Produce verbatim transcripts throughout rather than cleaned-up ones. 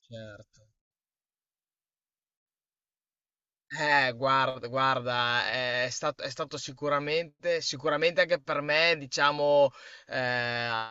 Certo. Eh, guarda, guarda, eh, è stato, è stato sicuramente, sicuramente anche per me, diciamo, eh,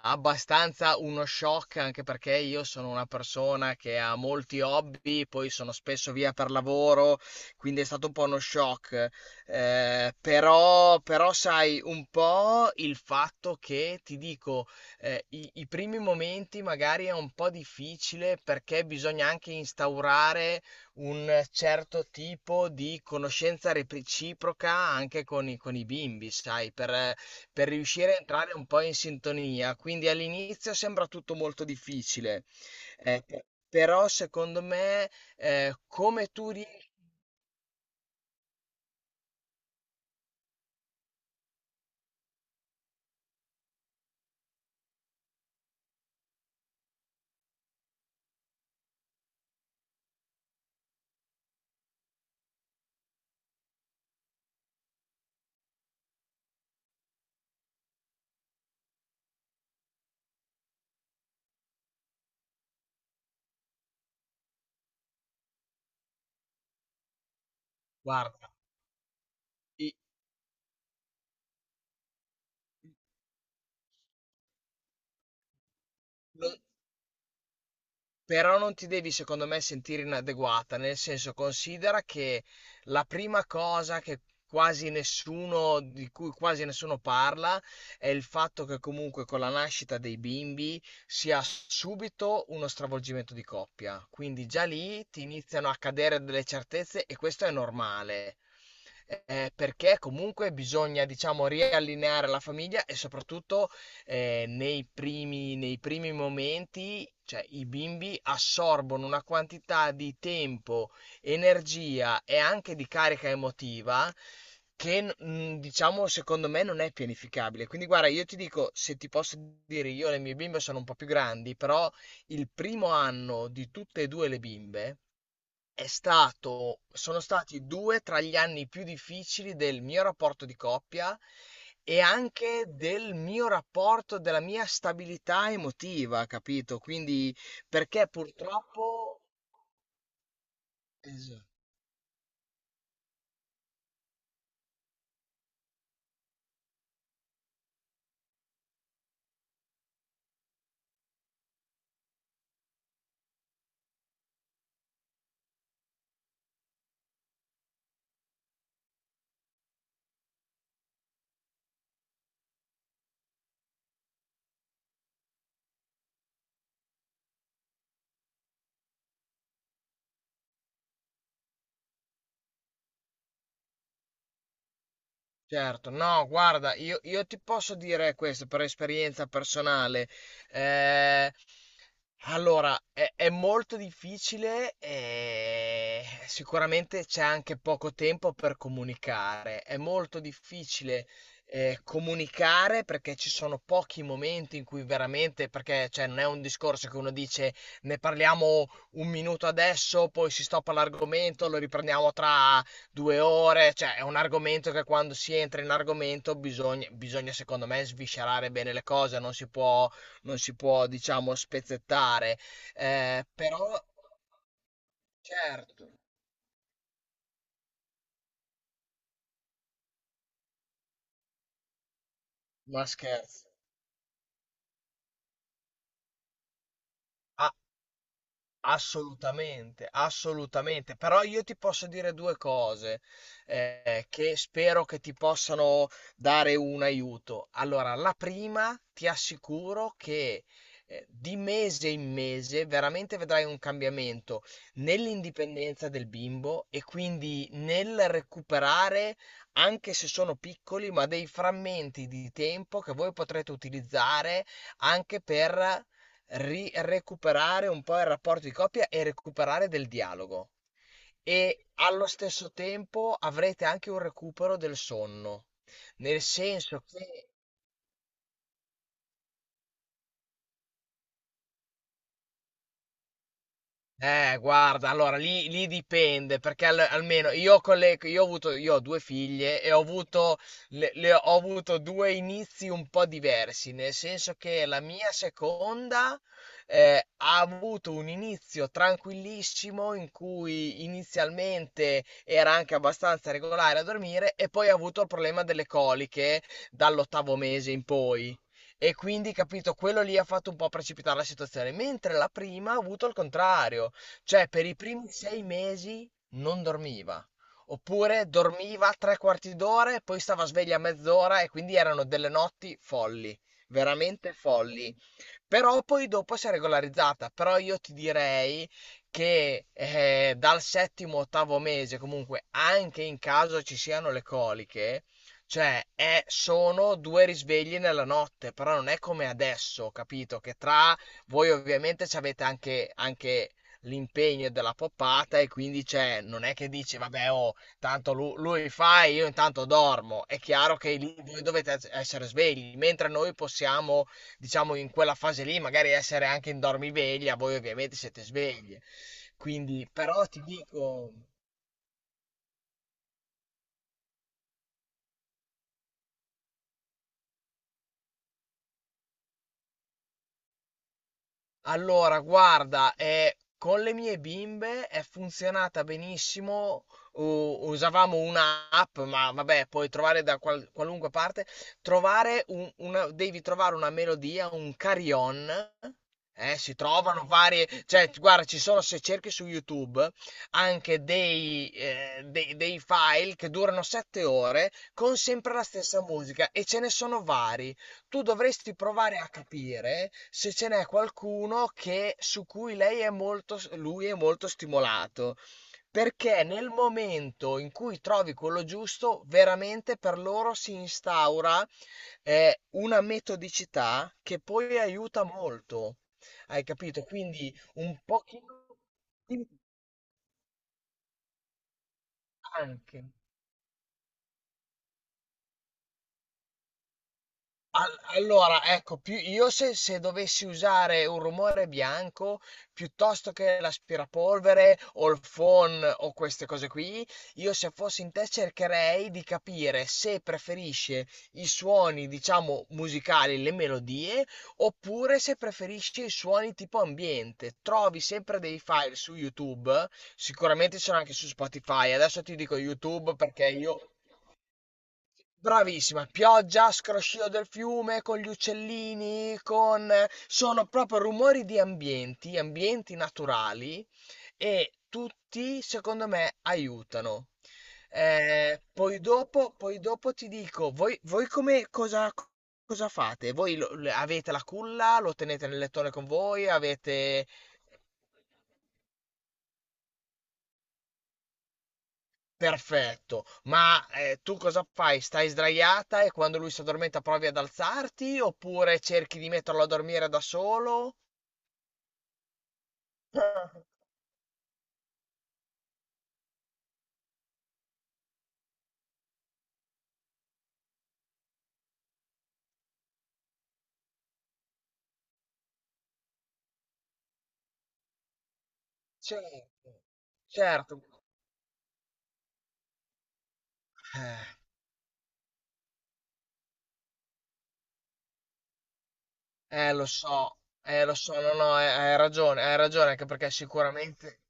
abbastanza uno shock, anche perché io sono una persona che ha molti hobby, poi sono spesso via per lavoro, quindi è stato un po' uno shock. Eh, però, però sai, un po' il fatto che, ti dico, eh, i, i primi momenti magari è un po' difficile perché bisogna anche instaurare un certo tipo di conoscenza reciproca anche con i, con i bimbi, sai, per, per riuscire a entrare un po' in sintonia. Quindi all'inizio sembra tutto molto difficile, eh, pe- però secondo me, eh, come tu riesci, guarda, i- lo- Però non ti devi, secondo me, sentire inadeguata, nel senso considera che la prima cosa che quasi nessuno, di cui quasi nessuno parla, è il fatto che comunque con la nascita dei bimbi si ha subito uno stravolgimento di coppia. Quindi già lì ti iniziano a cadere delle certezze e questo è normale. Eh, perché comunque bisogna, diciamo, riallineare la famiglia e soprattutto eh, nei primi, nei primi momenti, cioè, i bimbi assorbono una quantità di tempo, energia e anche di carica emotiva che mm, diciamo secondo me non è pianificabile. Quindi guarda, io ti dico, se ti posso dire, io le mie bimbe sono un po' più grandi, però il primo anno di tutte e due le bimbe è stato sono stati due tra gli anni più difficili del mio rapporto di coppia e anche del mio rapporto della mia stabilità emotiva, capito? Quindi perché purtroppo esa certo, no, guarda, io, io ti posso dire questo per esperienza personale. Eh, allora, è, è molto difficile e sicuramente c'è anche poco tempo per comunicare. È molto difficile eh, comunicare perché ci sono pochi momenti in cui veramente, perché cioè, non è un discorso che uno dice ne parliamo un minuto adesso, poi si stoppa l'argomento, lo riprendiamo tra Due ore, cioè è un argomento che quando si entra in argomento bisogna, bisogna secondo me sviscerare bene le cose, non si può, non si può diciamo spezzettare. Eh, però, certo, ma scherzo. A- Assolutamente, assolutamente. Però io ti posso dire due cose eh, che spero che ti possano dare un aiuto. Allora, la prima, ti assicuro che eh, di mese in mese veramente vedrai un cambiamento nell'indipendenza del bimbo e quindi nel recuperare, anche se sono piccoli, ma dei frammenti di tempo che voi potrete utilizzare anche per ri- recuperare un po' il rapporto di coppia e recuperare del dialogo. E allo stesso tempo avrete anche un recupero del sonno, nel senso che Eh, guarda, allora lì, lì dipende, perché al- almeno io, con le, io, ho avuto, io ho due figlie e ho avuto, le- le- ho avuto due inizi un po' diversi, nel senso che la mia seconda eh, ha avuto un inizio tranquillissimo in cui inizialmente era anche abbastanza regolare a dormire e poi ha avuto il problema delle coliche dall'ottavo mese in poi. E quindi, capito, quello lì ha fatto un po' precipitare la situazione, mentre la prima ha avuto il contrario. Cioè, per i primi sei mesi non dormiva. Oppure dormiva tre quarti d'ora e poi stava sveglia mezz'ora e quindi erano delle notti folli, veramente folli. Però poi dopo si è regolarizzata. Però io ti direi che eh, dal settimo, ottavo mese, comunque, anche in caso ci siano le coliche, cioè è- sono due risvegli nella notte, però non è come adesso, capito? Che tra voi ovviamente ci avete anche, anche l'impegno della poppata e quindi c'è, non è che dici, vabbè, oh, tanto lu- lui, fa e io intanto dormo. È chiaro che lì voi dovete essere svegli, mentre noi possiamo diciamo in quella fase lì magari essere anche in dormiveglia, voi ovviamente siete svegli. Quindi, però ti dico, allora, guarda, eh, con le mie bimbe è funzionata benissimo. u- Usavamo un'app, ma vabbè, puoi trovare da qual- qualunque parte. Trovare un- una, devi trovare una melodia, un carillon. eh, si trovano varie, cioè, guarda, ci sono, se cerchi su YouTube, anche dei, eh, dei dei file che durano sette ore con sempre la stessa musica e ce ne sono vari. Tu dovresti provare a capire se ce n'è qualcuno che, su cui lei è molto, lui è molto stimolato. Perché nel momento in cui trovi quello giusto, veramente per loro si instaura eh, una metodicità che poi aiuta molto. Hai capito? Quindi un pochino di- anche. Al allora, ecco, più io se se dovessi usare un rumore bianco, piuttosto che l'aspirapolvere o il phon o queste cose qui, io se fossi in te cercherei di capire se preferisce i suoni, diciamo, musicali, le melodie, oppure se preferisce i suoni tipo ambiente. Trovi sempre dei file su YouTube, sicuramente c'erano anche su Spotify. Adesso ti dico YouTube perché io Bravissima, pioggia, scroscio del fiume con gli uccellini, con... sono proprio rumori di ambienti, ambienti naturali e tutti secondo me aiutano. Eh, poi dopo, poi dopo ti dico, voi, voi come cosa, cosa fate? Voi lo- le- avete la culla, lo tenete nel lettone con voi, avete... Perfetto, ma, ehm, tu cosa fai? Stai sdraiata e quando lui s'addormenta provi ad alzarti, oppure cerchi di metterlo a dormire da solo? Certo, certo. Eh, eh, lo so, eh, lo so, no, no, eh, hai ragione, hai ragione, anche perché sicuramente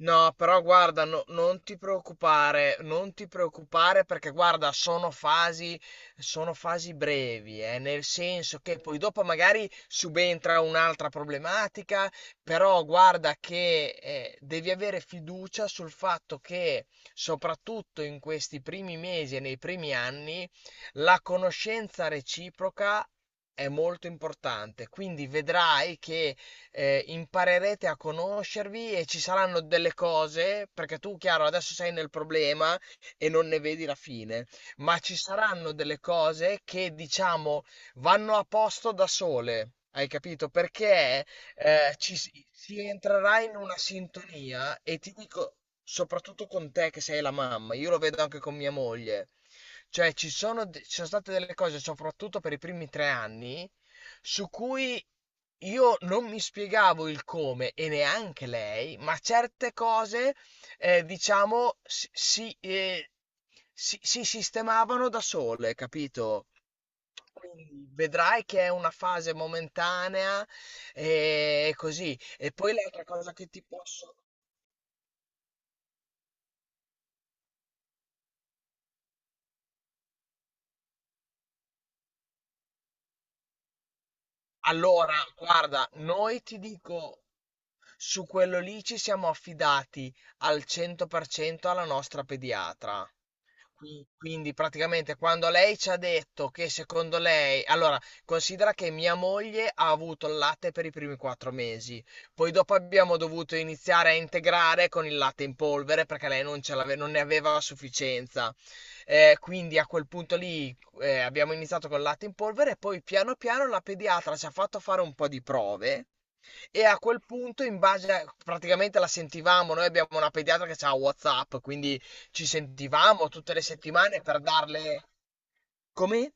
no, però guarda, no- non ti preoccupare, non ti preoccupare perché guarda, sono fasi, sono fasi brevi, eh, nel senso che poi dopo magari subentra un'altra problematica, però guarda che eh, devi avere fiducia sul fatto che soprattutto in questi primi mesi e nei primi anni la conoscenza reciproca è molto importante, quindi vedrai che eh, imparerete a conoscervi e ci saranno delle cose, perché tu, chiaro, adesso sei nel problema e non ne vedi la fine, ma ci saranno delle cose che, diciamo, vanno a posto da sole. Hai capito? Perché eh, ci si si entrerà in una sintonia e ti dico, soprattutto con te che sei la mamma, io lo vedo anche con mia moglie. Cioè, ci sono, de- ci sono state delle cose, soprattutto per i primi tre anni, su cui io non mi spiegavo il come e neanche lei, ma certe cose, eh, diciamo, si, si, eh, si- si sistemavano da sole, capito? Quindi vedrai che è una fase momentanea e così. E poi l'altra cosa che ti posso... Allora, guarda, noi ti dico, su quello lì ci siamo affidati al cento per cento alla nostra pediatra. Qui- Quindi praticamente quando lei ci ha detto che secondo lei, allora considera che mia moglie ha avuto il latte per i primi quattro mesi, poi dopo abbiamo dovuto iniziare a integrare con il latte in polvere perché lei non, ce l'ave- non ne aveva a sufficienza. Eh, quindi a quel punto lì eh, abbiamo iniziato con il latte in polvere e poi piano piano la pediatra ci ha fatto fare un po' di prove. E a quel punto, in base a, praticamente la sentivamo, noi abbiamo una pediatra che ha WhatsApp, quindi ci sentivamo tutte le settimane per darle... Come?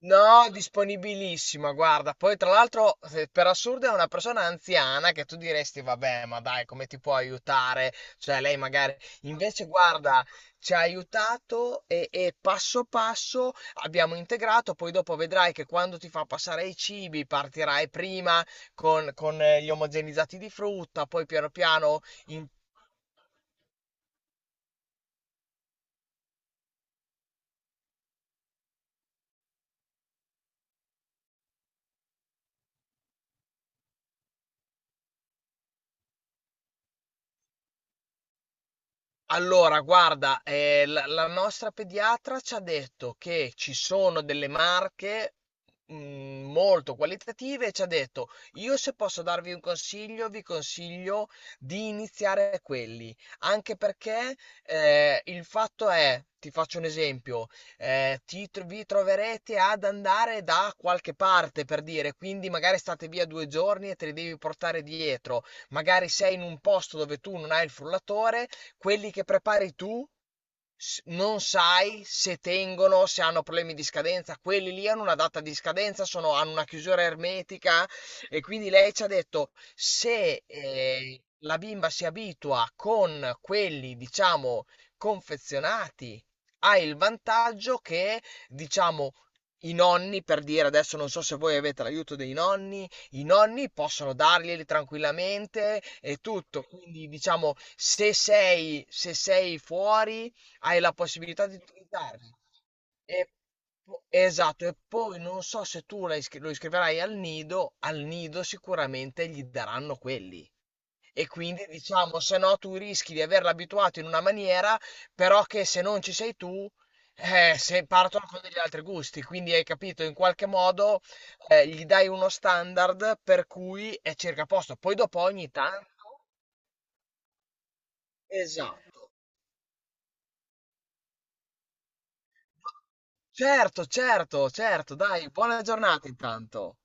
No, disponibilissima, guarda. Poi, tra l'altro, se- per assurdo è una persona anziana che tu diresti, vabbè, ma dai, come ti può aiutare? Cioè, lei magari... Invece, guarda, ci ha aiutato e, e passo passo abbiamo integrato. Poi dopo vedrai che quando ti fa passare i cibi partirai prima con, con eh, gli omogenizzati di frutta, poi piano piano... in- Allora, guarda, eh, la, la nostra pediatra ci ha detto che ci sono delle marche mm, molto qualitative e ci ha detto, io se posso darvi un consiglio, vi consiglio di iniziare quelli, anche perché eh, il fatto è, ti faccio un esempio, eh, ti tro- vi troverete ad andare da qualche parte per dire, quindi magari state via due giorni e te li devi portare dietro, magari sei in un posto dove tu non hai il frullatore quelli che prepari tu s- non sai se tengono, se hanno problemi di scadenza, quelli lì hanno una data di scadenza, sono- hanno una chiusura ermetica e quindi lei ci ha detto se eh, la bimba si abitua con quelli, diciamo, confezionati, ha il vantaggio che, diciamo, I nonni, per dire adesso non so se voi avete l'aiuto dei nonni, i nonni possono darglieli tranquillamente e tutto. Quindi diciamo, se sei, se sei fuori, hai la possibilità di utilizzarli. E po- esatto, e poi non so se tu la iscri- lo iscriverai al nido, al nido sicuramente gli daranno quelli. E quindi diciamo, se no tu rischi di averlo abituato in una maniera, però che se non ci sei tu, eh, se partono con degli altri gusti. Quindi hai capito, in qualche modo eh, gli dai uno standard per cui è circa a posto. Poi dopo ogni tanto... Esatto. Certo, certo, certo, dai, buona giornata intanto.